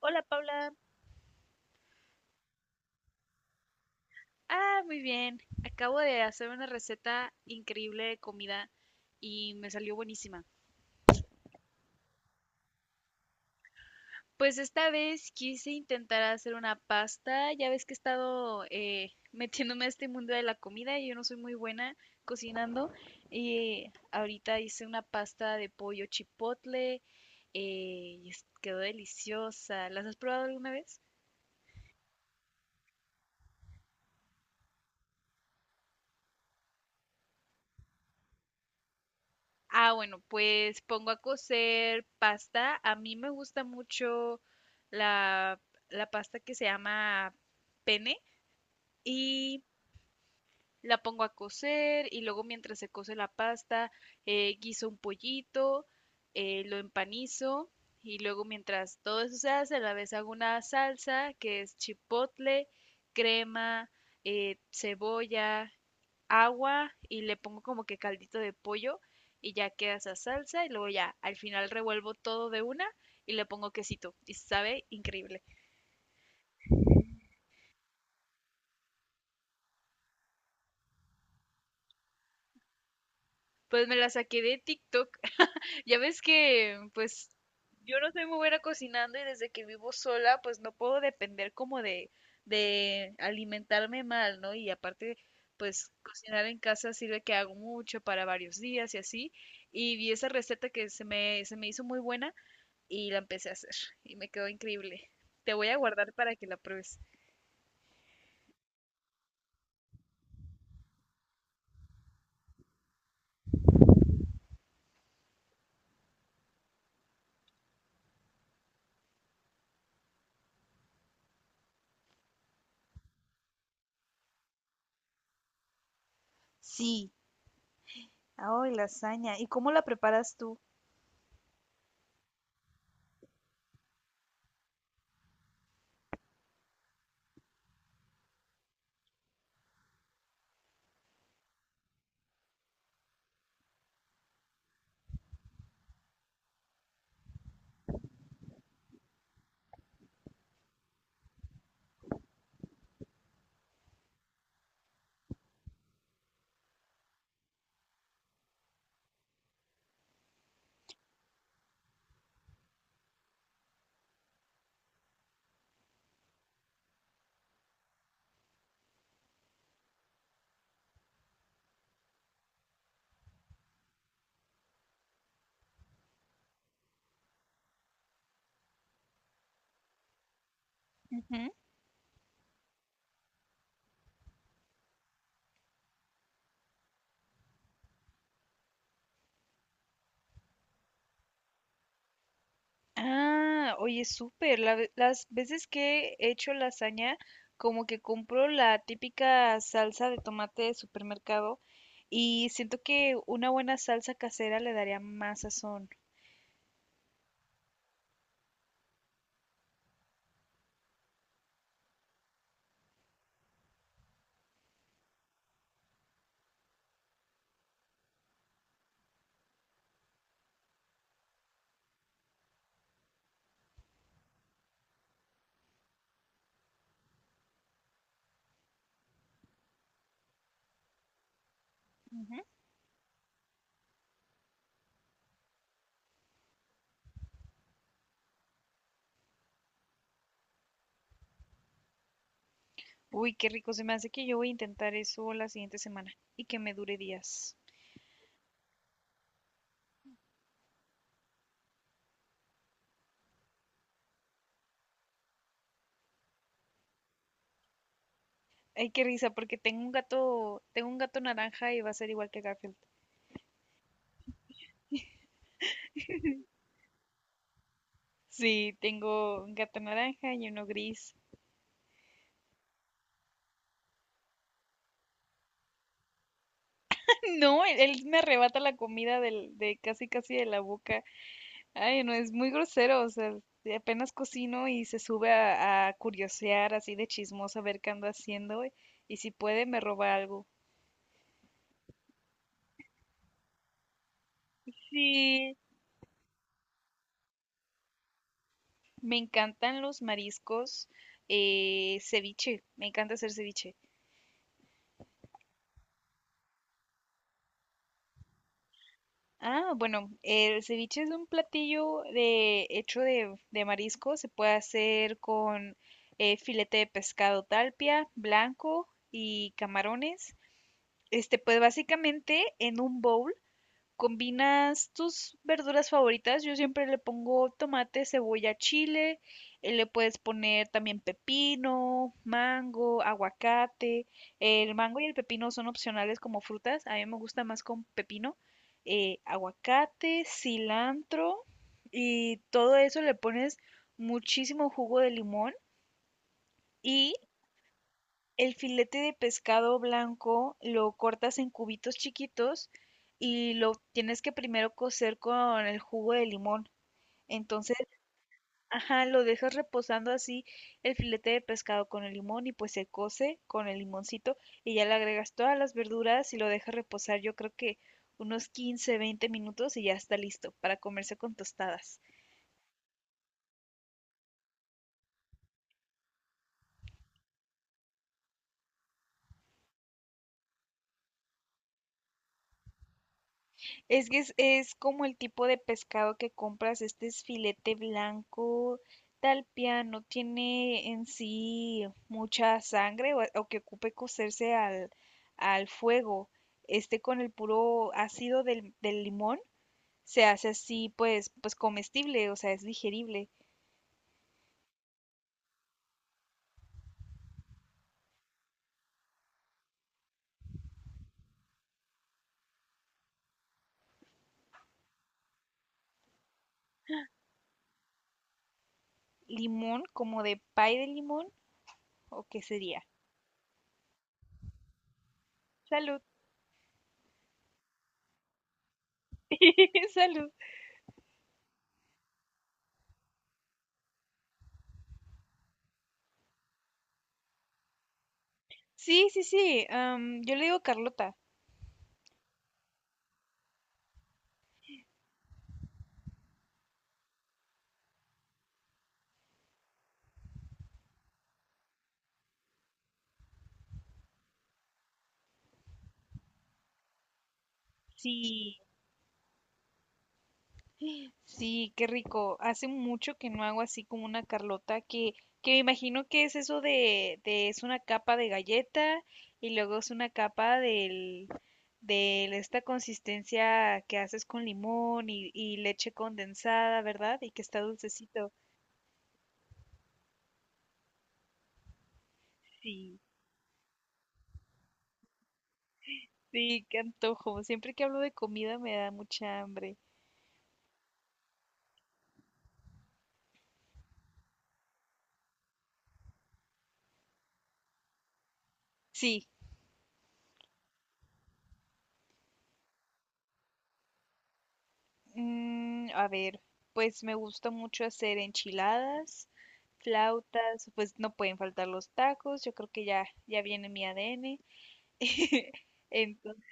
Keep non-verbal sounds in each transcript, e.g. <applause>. Hola Paula. Ah, muy bien. Acabo de hacer una receta increíble de comida y me salió buenísima. Pues esta vez quise intentar hacer una pasta. Ya ves que he estado <laughs> metiéndome a este mundo de la comida y yo no soy muy buena cocinando. Y ahorita hice una pasta de pollo chipotle, quedó deliciosa. ¿Las has probado alguna vez? Ah, bueno, pues pongo a cocer pasta. A mí me gusta mucho la, la pasta que se llama pene, y la pongo a cocer y luego mientras se cose la pasta, guiso un pollito, lo empanizo y luego mientras todo eso se hace, a la vez hago una salsa que es chipotle, crema, cebolla, agua y le pongo como que caldito de pollo y ya queda esa salsa y luego ya al final revuelvo todo de una y le pongo quesito y sabe increíble. Pues me la saqué de TikTok. Ya ves que, pues, yo no soy muy buena cocinando y desde que vivo sola, pues no puedo depender como de alimentarme mal, ¿no? Y aparte, pues cocinar en casa sirve que hago mucho para varios días y así. Y vi esa receta que se me hizo muy buena y la empecé a hacer y me quedó increíble. Te voy a guardar para que la pruebes. Sí. Ay, lasaña. ¿Y cómo la preparas tú? Ujú. Ah, oye, súper. Las veces que he hecho lasaña, como que compro la típica salsa de tomate de supermercado y siento que una buena salsa casera le daría más sazón. Ujú. Uy, qué rico. Se me hace que yo voy a intentar eso la siguiente semana y que me dure días. Ay, qué risa, porque tengo un gato naranja y va a ser igual que Garfield. Sí, tengo un gato naranja y uno gris. <laughs> No, él me arrebata la comida de casi casi de la boca. Ay, no, es muy grosero, o sea, de apenas cocino y se sube a curiosear así de chismosa a ver qué ando haciendo y si puede me roba algo. Sí. Me encantan los mariscos, ceviche, me encanta hacer ceviche. Ah, bueno, el ceviche es un platillo hecho de marisco, se puede hacer con filete de pescado talpia, blanco y camarones. Este, pues básicamente en un bowl combinas tus verduras favoritas, yo siempre le pongo tomate, cebolla, chile, le puedes poner también pepino, mango, aguacate. El mango y el pepino son opcionales como frutas, a mí me gusta más con pepino, aguacate, cilantro y todo eso le pones muchísimo jugo de limón, y el filete de pescado blanco lo cortas en cubitos chiquitos y lo tienes que primero cocer con el jugo de limón. Entonces, ajá, lo dejas reposando así el filete de pescado con el limón y pues se cose con el limoncito y ya le agregas todas las verduras y lo dejas reposar yo creo que unos 15, 20 minutos y ya está listo para comerse con tostadas. Es que es como el tipo de pescado que compras, este es filete blanco, tal piano, tiene en sí mucha sangre o que ocupe cocerse al fuego. Este con el puro ácido del limón se hace así pues, pues comestible, o sea, es digerible. Limón, como de pay de limón, ¿o qué sería? Salud. <laughs> Salud. Sí, sí, sí, yo le digo Carlota. Sí. Sí, qué rico. Hace mucho que no hago así como una Carlota, que me imagino que es eso es una capa de galleta y luego es una capa de esta consistencia que haces con limón y leche condensada, ¿verdad? Y que está dulcecito. Sí, sí, qué antojo. Siempre que hablo de comida me da mucha hambre. Sí. Mm, a ver, pues me gusta mucho hacer enchiladas, flautas, pues no pueden faltar los tacos, yo creo que ya, ya viene mi ADN. <laughs> Entonces,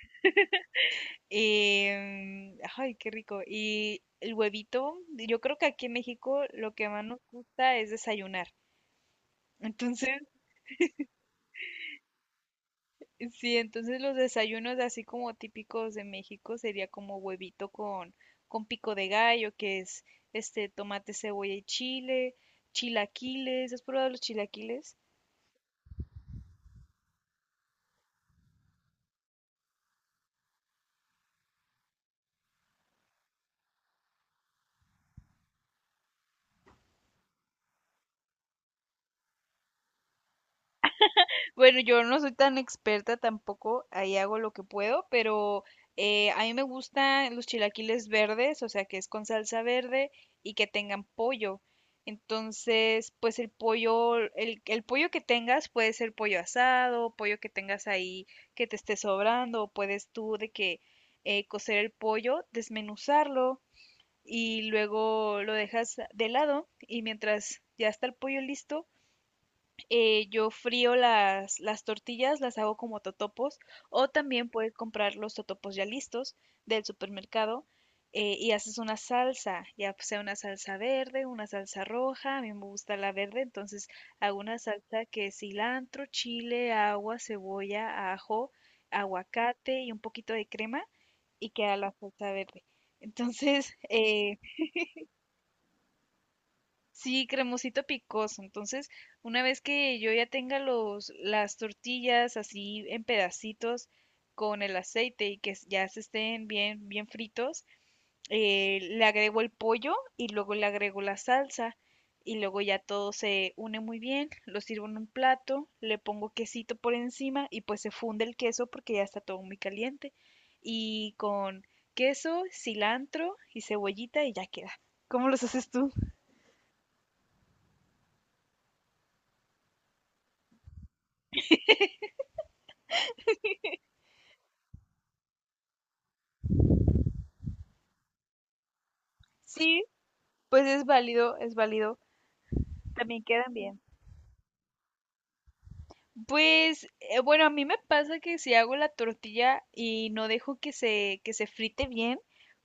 ay, qué rico. Y el huevito, yo creo que aquí en México lo que más nos gusta es desayunar. Entonces, sí, entonces los desayunos así como típicos de México sería como huevito con pico de gallo, que es este tomate, cebolla y chile, chilaquiles, ¿has probado los chilaquiles? Bueno, yo no soy tan experta tampoco, ahí hago lo que puedo, pero a mí me gustan los chilaquiles verdes, o sea, que es con salsa verde y que tengan pollo. Entonces, pues el pollo, el pollo que tengas puede ser pollo asado, pollo que tengas ahí que te esté sobrando, o puedes tú de que cocer el pollo, desmenuzarlo y luego lo dejas de lado y mientras ya está el pollo listo, yo frío las tortillas, las hago como totopos, o también puedes comprar los totopos ya listos del supermercado, y haces una salsa, ya sea una salsa verde, una salsa roja, a mí me gusta la verde, entonces hago una salsa que es cilantro, chile, agua, cebolla, ajo, aguacate y un poquito de crema y queda la salsa verde. Entonces, <laughs> sí, cremosito picoso. Entonces, una vez que yo ya tenga las tortillas así en pedacitos con el aceite y que ya se estén bien, bien fritos, le agrego el pollo y luego le agrego la salsa y luego ya todo se une muy bien. Lo sirvo en un plato, le pongo quesito por encima y pues se funde el queso porque ya está todo muy caliente. Y con queso, cilantro y cebollita y ya queda. ¿Cómo los haces tú? Sí. Pues es válido, es válido. También quedan bien. Pues bueno, a mí me pasa que si hago la tortilla y no dejo que se frite bien,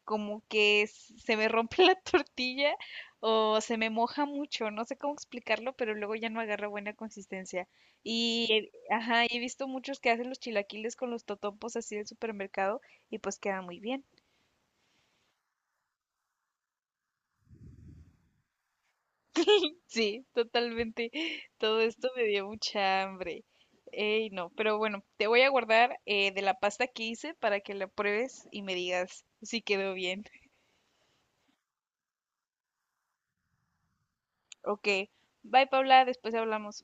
como que se me rompe <laughs> la tortilla o se me moja mucho, no sé cómo explicarlo, pero luego ya no agarra buena consistencia. Y ajá, he visto muchos que hacen los chilaquiles con los totopos así del supermercado y pues queda muy bien. Sí, totalmente. Todo esto me dio mucha hambre. Ey, no, pero bueno, te voy a guardar de la pasta que hice para que la pruebes y me digas si quedó bien. Ok, bye Paula, después hablamos.